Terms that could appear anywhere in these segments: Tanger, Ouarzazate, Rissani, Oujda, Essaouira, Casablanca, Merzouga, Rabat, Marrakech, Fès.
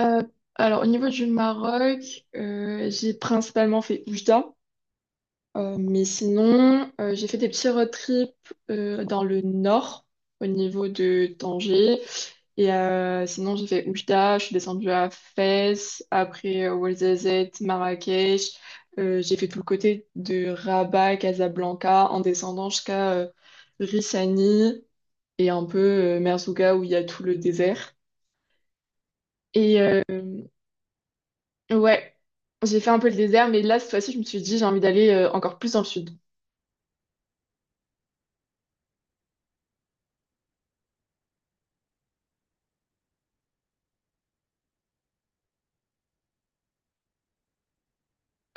Euh, alors, au niveau du Maroc, j'ai principalement fait Oujda, mais sinon, j'ai fait des petits road trips dans le nord, au niveau de Tanger. Et sinon, j'ai fait Oujda, je suis descendue à Fès, après Ouarzazate, Marrakech. J'ai fait tout le côté de Rabat, Casablanca, en descendant jusqu'à Rissani et un peu Merzouga où il y a tout le désert. Et, euh, Ouais, j'ai fait un peu le désert, mais là, cette fois-ci, je me suis dit, j'ai envie d'aller encore plus dans le sud.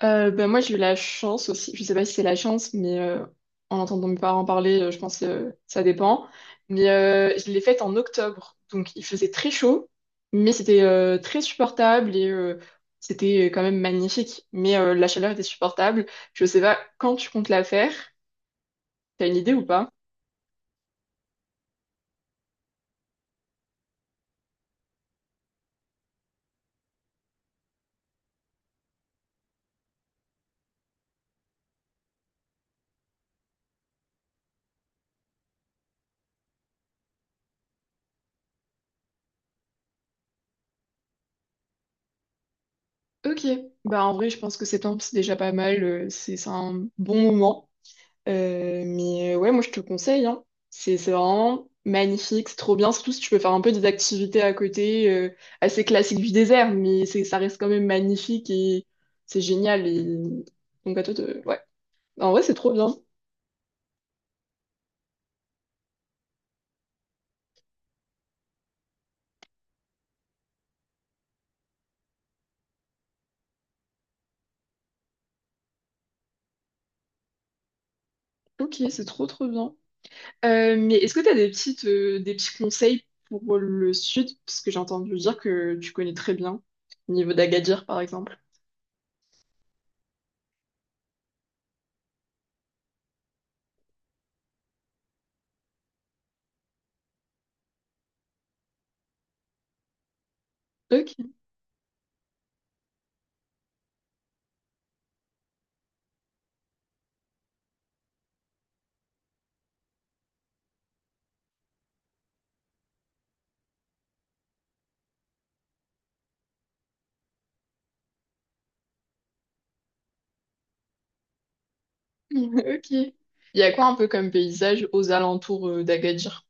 Ben, moi, j'ai eu la chance aussi, je sais pas si c'est la chance, mais en entendant mes parents parler, je pense que ça dépend. Mais je l'ai faite en octobre, donc il faisait très chaud, mais c'était très supportable et c'était quand même magnifique. Mais la chaleur était supportable. Je sais pas quand tu comptes la faire, t'as une idée ou pas? Ok, bah en vrai, je pense que septembre, c'est déjà pas mal, c'est un bon moment. Mais ouais, moi je te conseille, hein. C'est vraiment magnifique, c'est trop bien, surtout si tu peux faire un peu des activités à côté, assez classiques du désert, mais c'est, ça reste quand même magnifique et c'est génial. Et... Donc à toi, ouais. En vrai, c'est trop bien. Ok, c'est trop trop bien. Mais est-ce que tu as des petites, des petits conseils pour le sud? Parce que j'ai entendu dire que tu connais très bien, au niveau d'Agadir par exemple. Ok, ok. Il y a quoi un peu comme paysage aux alentours d'Agadir?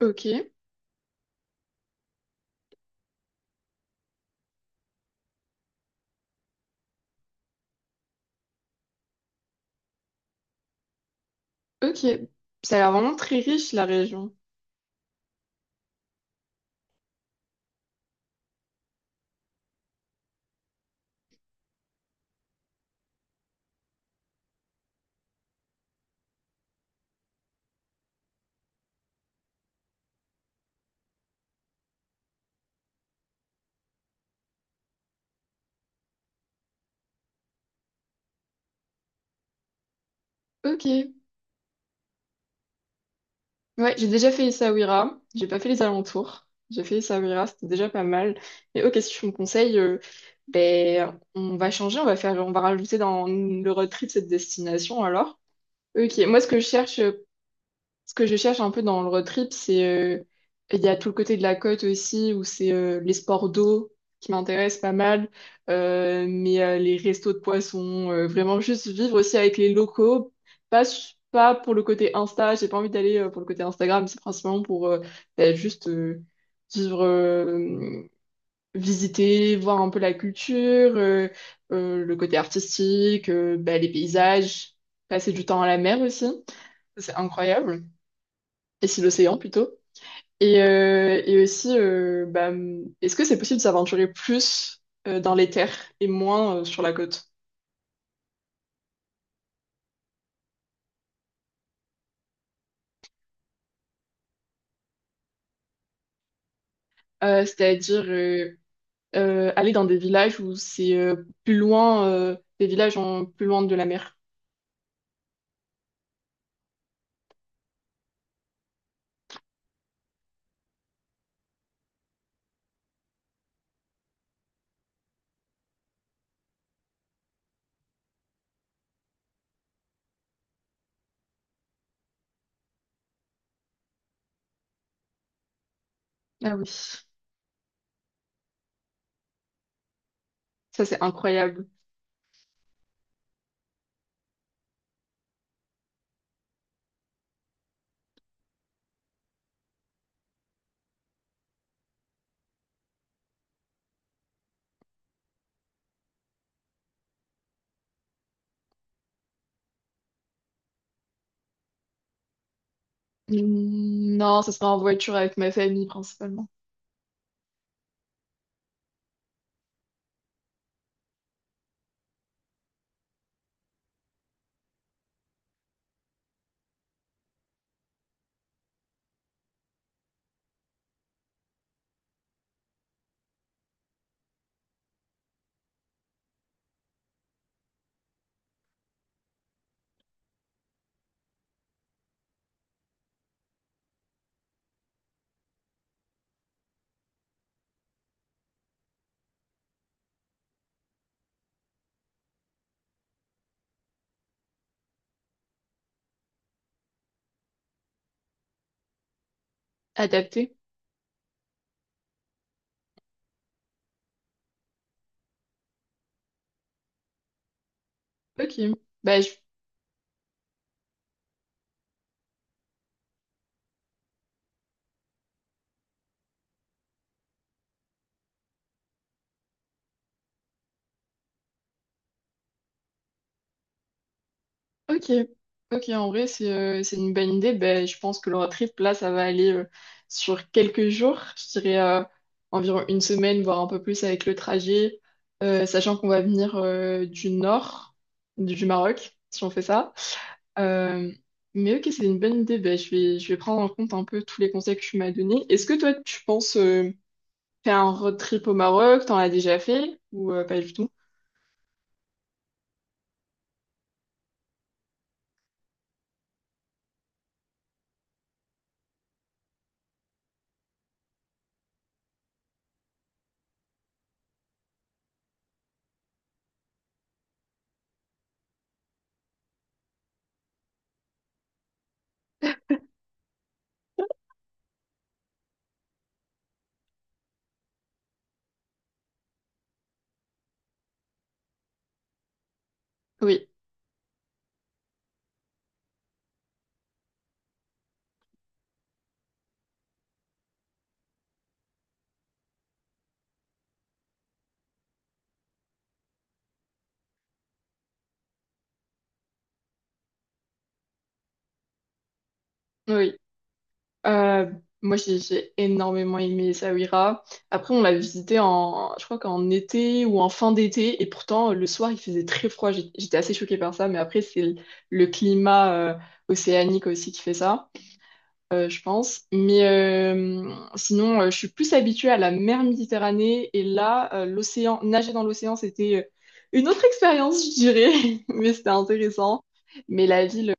Ok. Ok, ça a l'air vraiment très riche la région. Ok, ouais, j'ai déjà fait Essaouira, j'ai pas fait les alentours. J'ai fait Essaouira, c'était déjà pas mal. Mais ok, si tu me conseilles, ben, on va changer, on va faire, on va rajouter dans le road trip cette destination alors. Ok, moi ce que je cherche un peu dans le road trip, c'est il y a tout le côté de la côte aussi où c'est les sports d'eau qui m'intéressent pas mal, mais les restos de poissons, vraiment juste vivre aussi avec les locaux, pas pour le côté Insta, j'ai pas envie d'aller pour le côté Instagram, c'est principalement pour bah, juste vivre, visiter, voir un peu la culture, le côté artistique, bah, les paysages, passer du temps à la mer aussi, c'est incroyable et c'est l'océan plutôt. Et aussi, bah, est-ce que c'est possible de s'aventurer plus dans les terres et moins sur la côte? C'est-à-dire aller dans des villages où c'est plus loin, des villages en, plus loin de la mer. Ah oui, ça c'est incroyable. Hmm, non, ça sera en voiture avec ma famille principalement. Adapté. Ok. Bah, je ok, ok, en vrai, c'est une bonne idée. Ben, je pense que le road trip, là, ça va aller sur quelques jours, je dirais environ une semaine, voire un peu plus avec le trajet, sachant qu'on va venir du nord du Maroc, si on fait ça. Euh, mais ok, c'est une bonne idée. Ben, je vais prendre en compte un peu tous les conseils que tu m'as donnés. Est-ce que toi, tu penses faire un road trip au Maroc? T'en as déjà fait ou pas du tout? Oui, oui. Euh, Moi, j'ai énormément aimé Essaouira. Après, on l'a visité en, je crois qu'en été ou en fin d'été. Et pourtant, le soir, il faisait très froid. J'étais assez choquée par ça. Mais après, c'est le climat océanique aussi qui fait ça, je pense. Mais sinon, je suis plus habituée à la mer Méditerranée. Et là, l'océan, nager dans l'océan, c'était une autre expérience, je dirais. Mais c'était intéressant. Mais la ville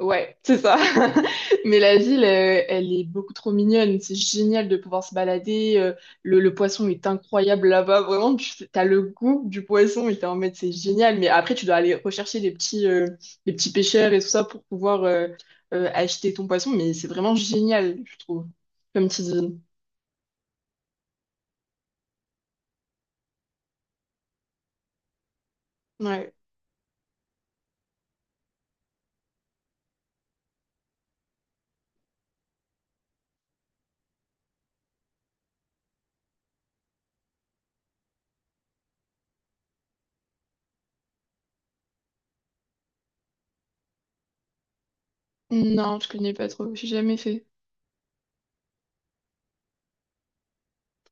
ouais, c'est ça. Mais la ville, elle est beaucoup trop mignonne. C'est génial de pouvoir se balader. Le poisson est incroyable là-bas. Vraiment, tu as le goût du poisson et t'es en mode, c'est génial. Mais après, tu dois aller rechercher les petits pêcheurs et tout ça pour pouvoir acheter ton poisson. Mais c'est vraiment génial, je trouve, comme petite ville. Ouais. Non, je connais pas trop. J'ai jamais fait.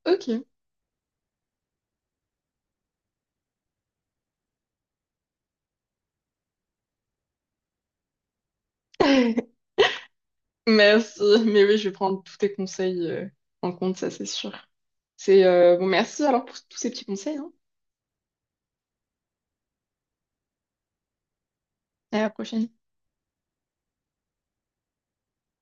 Ok. Merci. Mais oui, je vais prendre tous tes conseils en compte, ça, c'est sûr. C'est Bon, merci alors pour tous ces petits conseils, hein. À la prochaine.